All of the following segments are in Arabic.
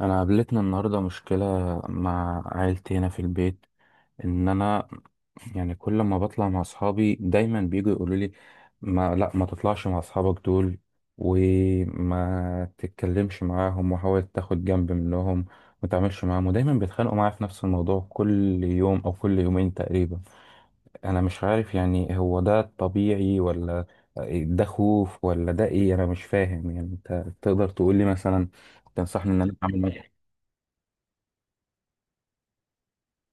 انا قابلتنا النهارده مشكله مع عيلتي هنا في البيت، ان انا يعني كل ما بطلع مع اصحابي دايما بيجوا يقولوا لي ما تطلعش مع اصحابك دول، وما تتكلمش معاهم وحاول تاخد جنب منهم، ما تعملش معاهم. ودايما بيتخانقوا معايا في نفس الموضوع كل يوم او كل يومين تقريبا. انا مش عارف يعني هو ده طبيعي ولا ده خوف ولا ده ايه، انا مش فاهم. يعني انت تقدر تقول لي مثلا، تنصحني ان انا اعمل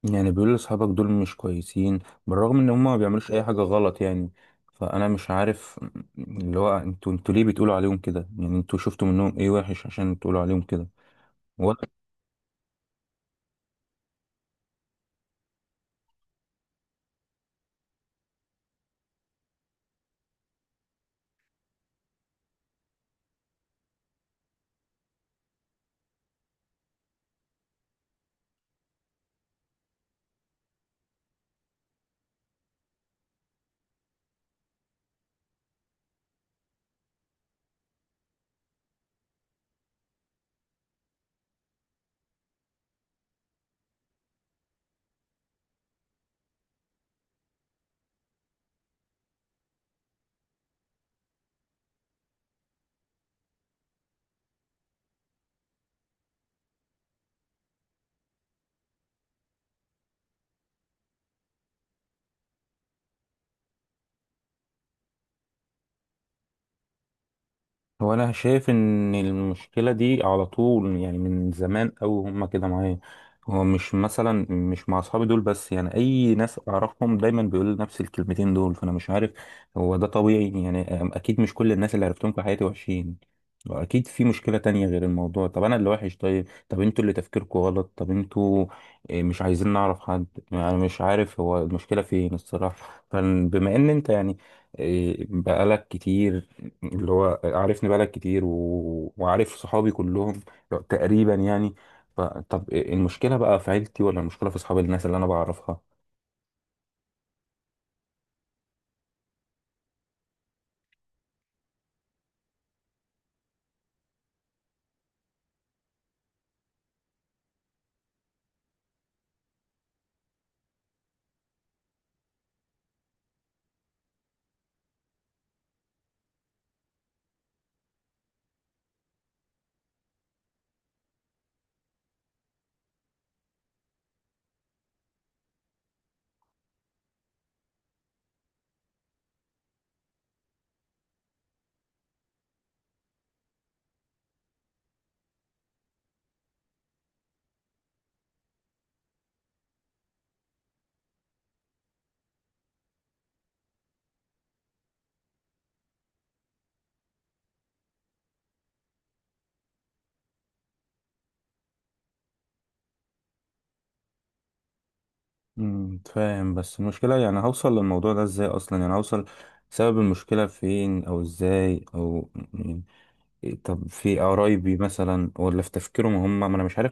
يعني. بيقول لأصحابك دول مش كويسين، بالرغم ان هم ما بيعملوش اي حاجة غلط يعني. فانا مش عارف اللي هو انتوا ليه بتقولوا عليهم كده؟ يعني انتوا شفتوا منهم ايه وحش عشان تقولوا عليهم كده؟ هو انا شايف ان المشكله دي على طول يعني، من زمان قوي هما كده معايا. هو مش مثلا مش مع اصحابي دول بس، يعني اي ناس اعرفهم دايما بيقولوا نفس الكلمتين دول. فانا مش عارف هو ده طبيعي يعني. اكيد مش كل الناس اللي عرفتهم في حياتي وحشين، واكيد في مشكله تانية غير الموضوع. طب انا اللي وحش؟ طيب، طب انتوا اللي تفكيركم غلط؟ طب انتوا مش عايزين نعرف حد؟ يعني مش عارف هو المشكله فين الصراحه. فبما ان انت يعني بقالك كتير اللي هو عارفني، بقالك كتير وعارف صحابي كلهم تقريبا يعني، فطب المشكلة بقى في عيلتي ولا المشكلة في أصحاب الناس اللي أنا بعرفها؟ فاهم. بس المشكلة يعني هوصل للموضوع ده إزاي أصلا؟ يعني هوصل سبب المشكلة فين أو إزاي أو يعني إيه؟ طب في قرايبي مثلا ولا في تفكيرهم هم؟ ما أنا مش عارف.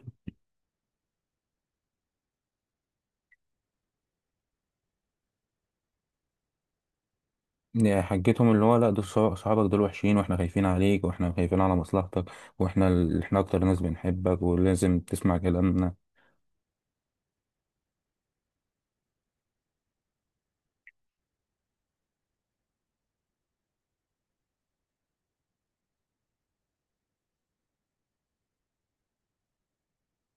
يعني حجتهم اللي هو، لا دول صحابك دول وحشين، وإحنا خايفين عليك وإحنا خايفين على مصلحتك، وإحنا إحنا أكتر ناس بنحبك ولازم تسمع كلامنا.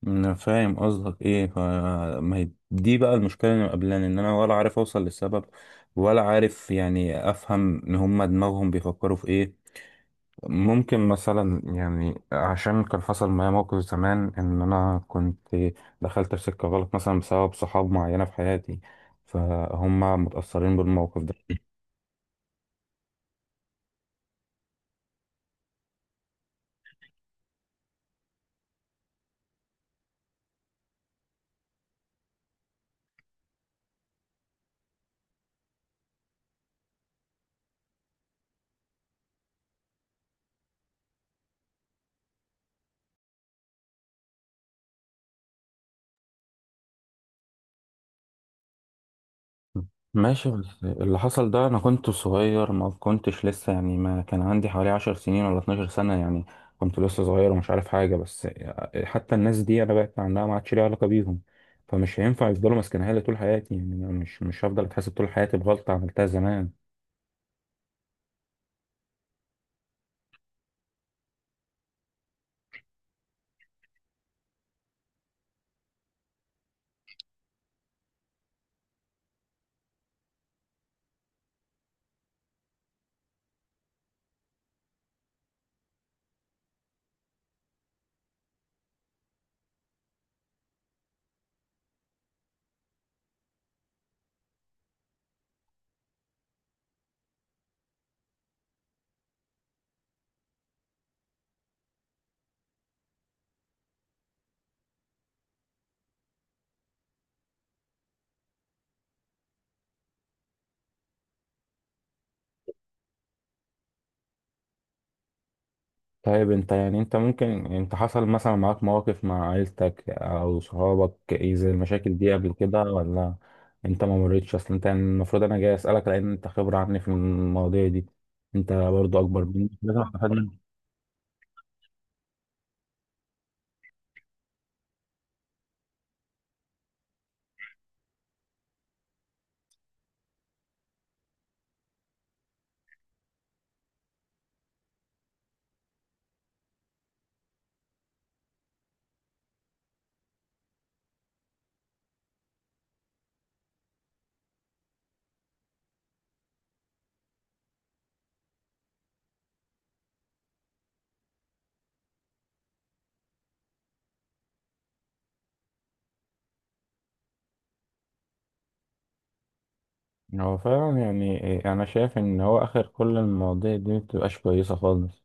انا فاهم قصدك ايه. ف ما هي دي بقى المشكله اللي مقابلاني، ان انا ولا عارف اوصل للسبب ولا عارف يعني افهم ان هم دماغهم بيفكروا في ايه. ممكن مثلا يعني عشان كان حصل معايا موقف زمان ان انا كنت دخلت في سكه غلط مثلا بسبب صحاب معينه في حياتي، فهم متاثرين بالموقف ده. ماشي، بس اللي حصل ده انا كنت صغير ما كنتش لسه، يعني ما كان عندي حوالي 10 سنين ولا 12 سنة يعني. كنت لسه صغير ومش عارف حاجة. بس حتى الناس دي انا بعدت عنها، ما عادش ليها علاقة بيهم. فمش هينفع يفضلوا ماسكينها لي طول حياتي. يعني أنا مش هفضل اتحاسب طول حياتي بغلطة عملتها زمان. طيب انت يعني، انت ممكن انت حصل مثلا معاك مواقف مع عيلتك او صحابك ايه زي المشاكل دي قبل كده، ولا انت ما مريتش اصلا؟ انت يعني المفروض انا جاي اسالك لان انت خبره عني في المواضيع دي، انت برضو اكبر مني لازم استفاد منك. هو فعلا يعني انا شايف ان هو اخر كل المواضيع دي مبتبقاش كويسه خالص.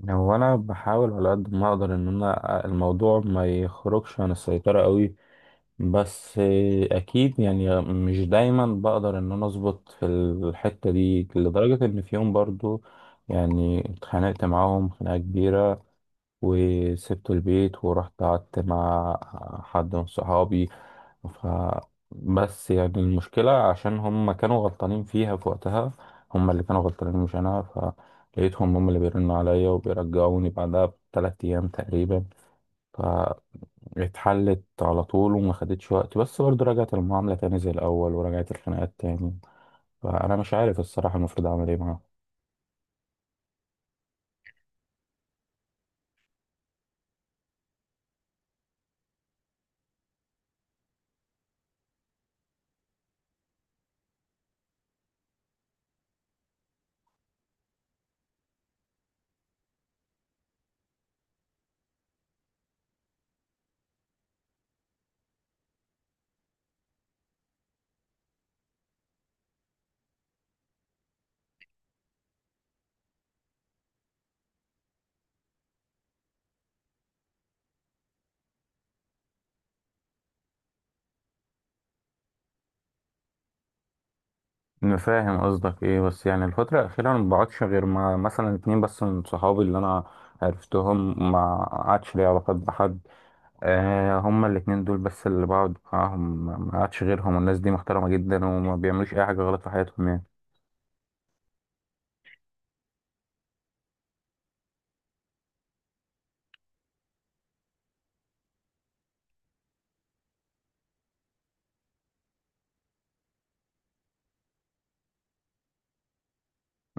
يعني هو انا بحاول على قد ما اقدر ان انا الموضوع ما يخرجش عن السيطره قوي. بس اكيد يعني مش دايما بقدر ان انا اظبط في الحتة دي، لدرجة ان في يوم برضو يعني اتخانقت معاهم خناقة كبيرة وسبت البيت ورحت قعدت مع حد من صحابي. ف بس يعني المشكلة، عشان هم كانوا غلطانين فيها في وقتها، هم اللي كانوا غلطانين مش انا. فلقيتهم هم اللي بيرنوا عليا وبيرجعوني بعدها ب3 ايام تقريبا. اتحلت على طول وما خدتش وقت، بس برضه رجعت المعاملة تاني زي الأول ورجعت الخناقات تاني. فأنا مش عارف الصراحة المفروض أعمل إيه معاهم. أنا فاهم قصدك إيه. بس يعني الفترة الأخيرة أنا ما بقعدش غير مع مثلا 2 بس من صحابي اللي أنا عرفتهم، ما قعدش لي علاقات بحد. آه، هما ال2 دول بس اللي بقعد معاهم، ما قعدش غيرهم، والناس دي محترمة جدا وما بيعملوش أي حاجة غلط في حياتهم يعني.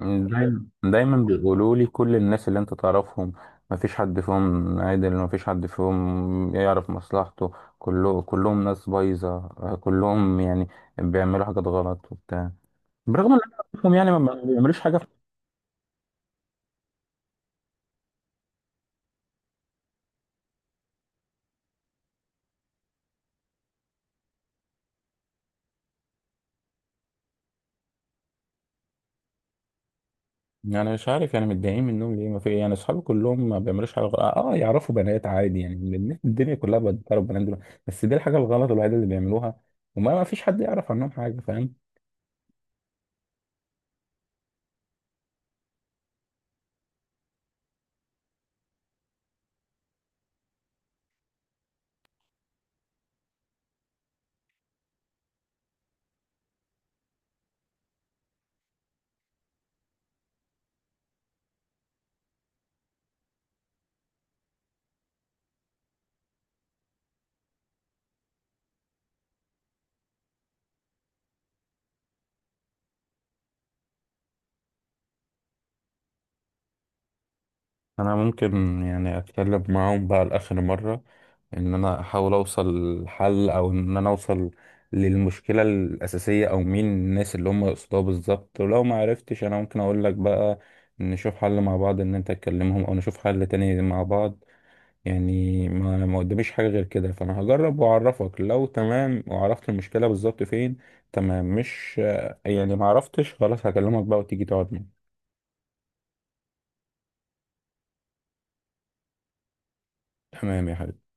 دايما دايما بيقولوا لي كل الناس اللي انت تعرفهم ما فيش حد فيهم عادل، ما فيش حد فيهم يعرف مصلحته. كلهم ناس بايظة كلهم يعني بيعملوا حاجات غلط وبتاع، برغم ان انا أعرفهم يعني ما بيعملوش حاجة. يعني مش عارف يعني متضايقين منهم ليه. ما في يعني اصحابي كلهم ما بيعملوش حاجة غلط. اه يعرفوا بنات عادي، يعني الناس- الدنيا كلها بتعرف بنات دول. بس دي الحاجة الغلط الوحيدة اللي بيعملوها، وما ما فيش حد يعرف عنهم حاجة فاهم. انا ممكن يعني اتكلم معاهم بقى لاخر مره، ان انا احاول اوصل لحل او ان انا اوصل للمشكله الاساسيه او مين الناس اللي هم يقصدوها بالظبط. ولو ما عرفتش انا ممكن اقول لك بقى، نشوف حل مع بعض ان انت تكلمهم او نشوف حل تاني مع بعض. يعني ما قداميش حاجه غير كده. فانا هجرب واعرفك لو تمام وعرفت المشكله بالظبط فين تمام، مش يعني ما عرفتش خلاص هكلمك بقى وتيجي تقعد معايا. تمام يا حبيبي.